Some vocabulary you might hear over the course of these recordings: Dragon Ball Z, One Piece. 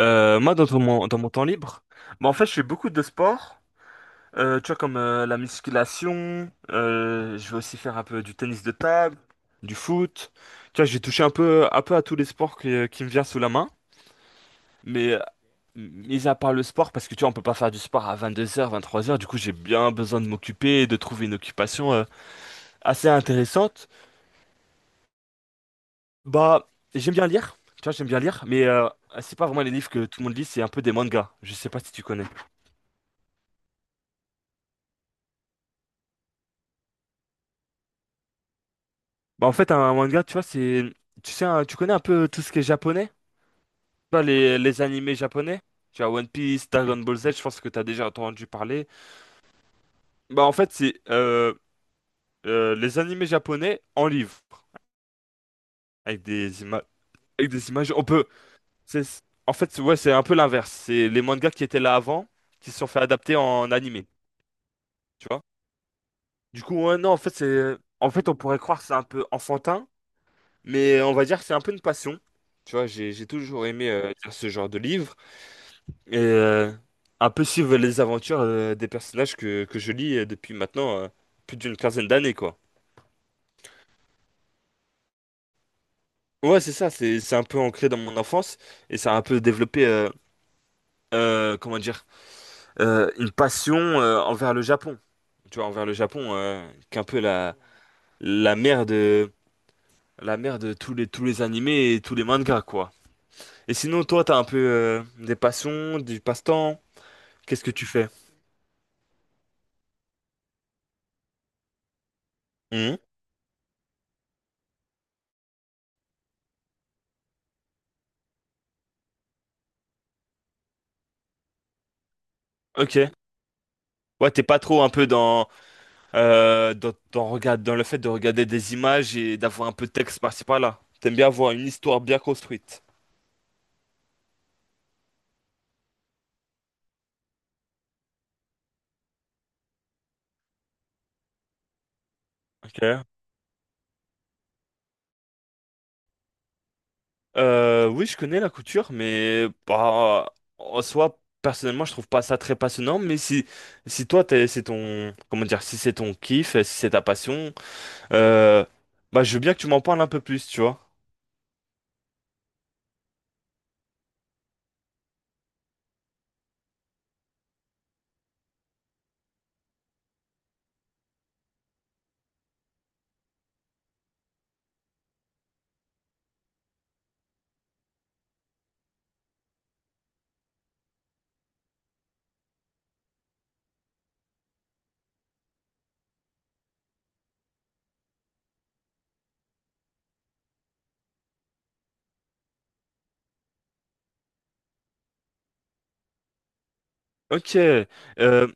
Moi, mon, dans mon temps libre, en fait, je fais beaucoup de sport, tu vois, comme la musculation, je vais aussi faire un peu du tennis de table, du foot. Tu vois, j'ai touché un peu à tous les sports qui me viennent sous la main, mais mis à part le sport, parce que tu vois, on peut pas faire du sport à vingt-deux heures vingt-trois heures du coup, j'ai bien besoin de m'occuper et de trouver une occupation assez intéressante. Bah, j'aime bien lire, tu vois, j'aime bien lire, mais c'est pas vraiment les livres que tout le monde lit, c'est un peu des mangas. Je sais pas si tu connais. Bah, en fait, un manga, tu vois, c'est. Tu sais, tu connais un peu tout ce qui est japonais? Tu vois, les animés japonais? Tu vois, One Piece, Dragon Ball Z, je pense que t'as déjà entendu parler. Bah, en fait, c'est les animés japonais en livre, avec des images. Avec des images. On peut. En fait, ouais, c'est un peu l'inverse. C'est les mangas qui étaient là avant, qui se sont fait adapter en animé. Tu vois? Du coup, ouais, non, en fait, c'est. En fait, on pourrait croire que c'est un peu enfantin, mais on va dire que c'est un peu une passion. Tu vois, j'ai toujours aimé lire ce genre de livre. Et un peu suivre les aventures des personnages que je lis depuis maintenant plus d'une quinzaine d'années, quoi. Ouais, c'est ça, c'est un peu ancré dans mon enfance et ça a un peu développé, comment dire, une passion envers le Japon. Tu vois, envers le Japon, qui est un peu la, la mère de, la mère de tous les animés et tous les mangas, quoi. Et sinon, toi, t'as un peu des passions, du passe-temps, qu'est-ce que tu fais? Mhm. Ok. Ouais, t'es pas trop un peu dans, dans, dans le fait de regarder des images et d'avoir un peu de texte par-ci par-là. T'aimes bien avoir une histoire bien construite. Ok. Oui, je connais la couture, mais bah, en soi, personnellement, je trouve pas ça très passionnant. Mais si, c'est ton, comment dire, si c'est ton kiff, si c'est ta passion, euh, bah, je veux bien que tu m'en parles un peu plus, tu vois. Ok.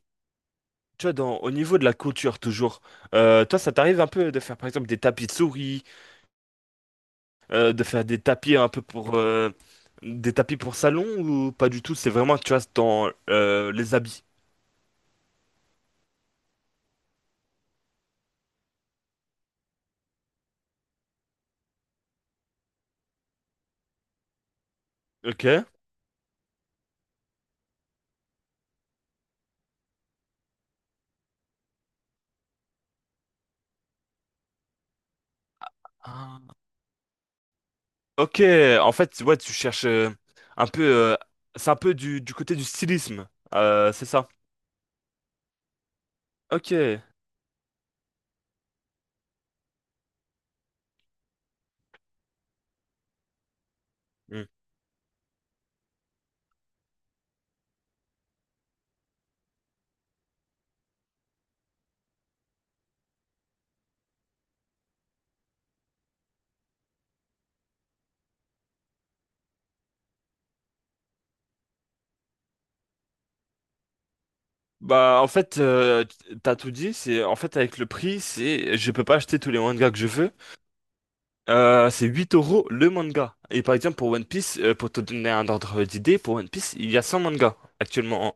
Tu vois, dans, au niveau de la couture, toujours, toi, ça t'arrive un peu de faire, par exemple, des tapis de souris de faire des tapis un peu pour des tapis pour salon ou pas du tout? C'est vraiment, tu vois, c'est dans les habits. Ok. Ah. Ok. En fait, ouais, tu cherches un peu. C'est un peu du côté du stylisme. C'est ça. Ok. Hmm. Bah, en fait, t'as tout dit. C'est en fait avec le prix, c'est je peux pas acheter tous les mangas que je veux. C'est 8 euros le manga. Et par exemple, pour One Piece, pour te donner un ordre d'idée, pour One Piece, il y a 100 mangas actuellement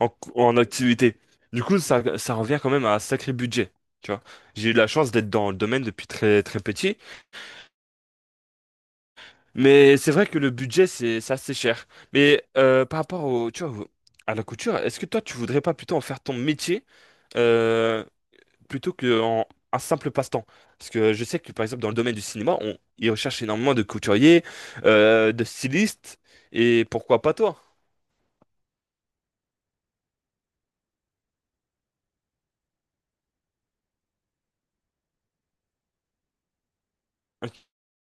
en, en activité. Du coup, ça revient quand même à un sacré budget. Tu vois, j'ai eu la chance d'être dans le domaine depuis très très petit, mais c'est vrai que le budget c'est assez cher. Mais par rapport au, tu vois, à la couture, est-ce que toi tu voudrais pas plutôt en faire ton métier? euh, plutôt qu'en un simple passe-temps. Parce que je sais que, par exemple, dans le domaine du cinéma, on, ils recherchent énormément de couturiers, de stylistes, et pourquoi pas toi?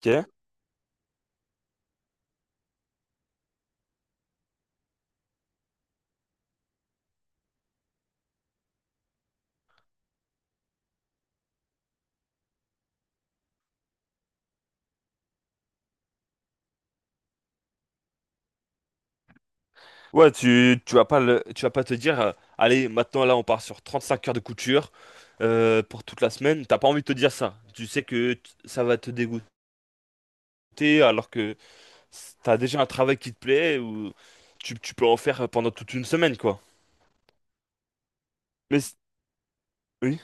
Ok. Ouais, tu vas pas tu vas pas te dire, allez, maintenant là, on part sur 35 heures de couture pour toute la semaine. T'as pas envie de te dire ça. Tu sais que ça va te dégoûter alors que t'as déjà un travail qui te plaît ou tu peux en faire pendant toute une semaine, quoi. Mais c- oui.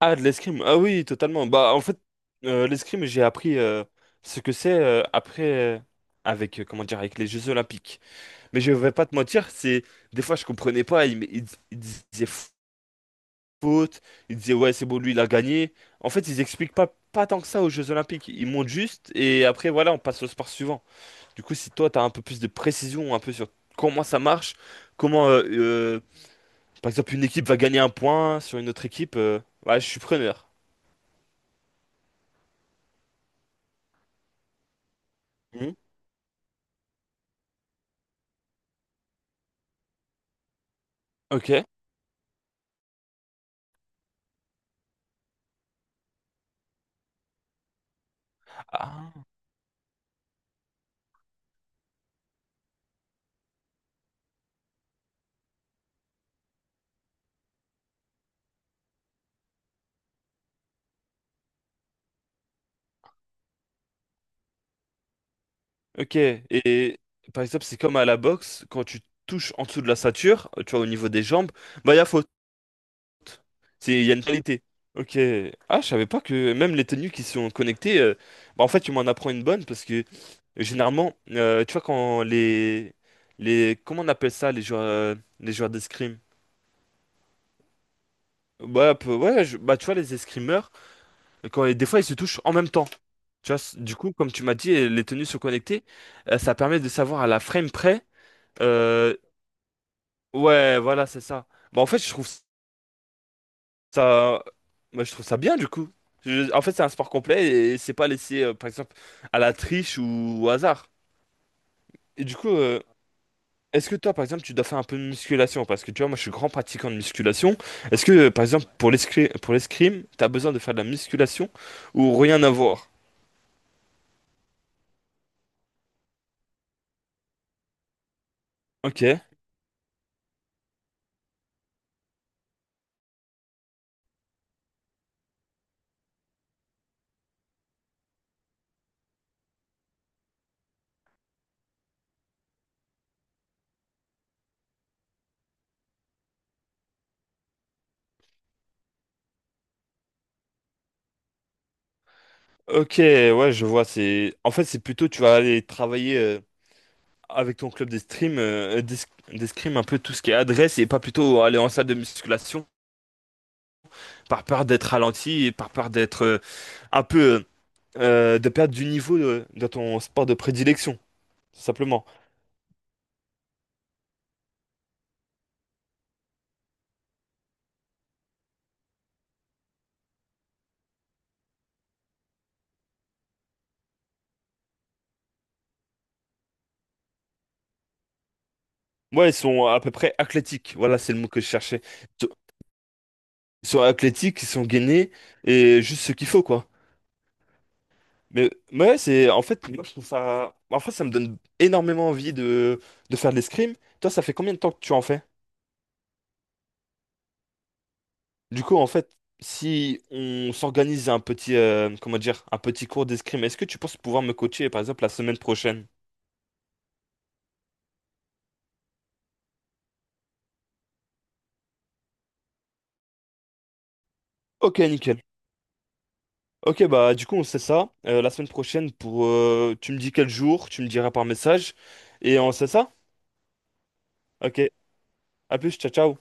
Ah, de l'escrime. Ah oui, totalement. Bah, en fait, l'escrime, j'ai appris ce que c'est après, avec, comment dire, avec les Jeux Olympiques. Mais je vais pas te mentir, c'est des fois, je comprenais pas. Ils disaient faute, ils disaient, ouais, c'est bon, lui, il a gagné. En fait, ils expliquent pas, pas tant que ça aux Jeux Olympiques. Ils montent juste et après, voilà, on passe au sport suivant. Du coup, si toi, tu as un peu plus de précision, un peu sur comment ça marche, comment, par exemple, une équipe va gagner un point sur une autre équipe, ouais, je suis preneur. Mhm. Ok. Ah, ok. Et par exemple, c'est comme à la boxe, quand tu touches en dessous de la ceinture, tu vois, au niveau des jambes, bah, il y a faute. C'est, il y a une qualité. Ok. Ah, je savais pas que même les tenues qui sont connectées, bah, en fait, tu m'en apprends une bonne parce que généralement, tu vois, quand les, comment on appelle ça, les joueurs d'escrime? Ouais, bah, tu vois, les escrimeurs, quand, des fois, ils se touchent en même temps. Tu vois, du coup, comme tu m'as dit, les tenues sont connectées, ça permet de savoir à la frame près. Euh, ouais, voilà, c'est ça. Bah, en fait, je trouve ça, moi, je trouve ça bien du coup. En fait, c'est un sport complet et c'est pas laissé, par exemple, à la triche ou au hasard. Et du coup, est-ce que toi, par exemple, tu dois faire un peu de musculation? Parce que tu vois, moi, je suis grand pratiquant de musculation. Est-ce que, par exemple, pour l'escrime, t'as besoin de faire de la musculation ou rien à voir? Ok. Ok, ouais, je vois. C'est, en fait, c'est plutôt, tu vas aller travailler. Avec ton club d'escrime, d'escrime un peu tout ce qui est adresse et pas plutôt aller en salle de musculation par peur d'être ralenti et par peur d'être un peu de perdre du niveau de ton sport de prédilection, tout simplement. Moi, ils sont à peu près athlétiques. Voilà, c'est le mot que je cherchais. Ils sont ils sont athlétiques, ils sont gainés et juste ce qu'il faut, quoi. Mais ouais, c'est en fait, moi je trouve ça. En fait, ça me donne énormément envie de faire de l'escrime. Toi, ça fait combien de temps que tu en fais? Du coup, en fait, si on s'organise un petit, comment dire, un petit cours d'escrime, est-ce que tu penses pouvoir me coacher, par exemple, la semaine prochaine? Ok, nickel. Ok, bah du coup, on sait ça. La semaine prochaine, pour, tu me dis quel jour, tu me diras par message, et on sait ça? Ok, à plus, ciao, ciao.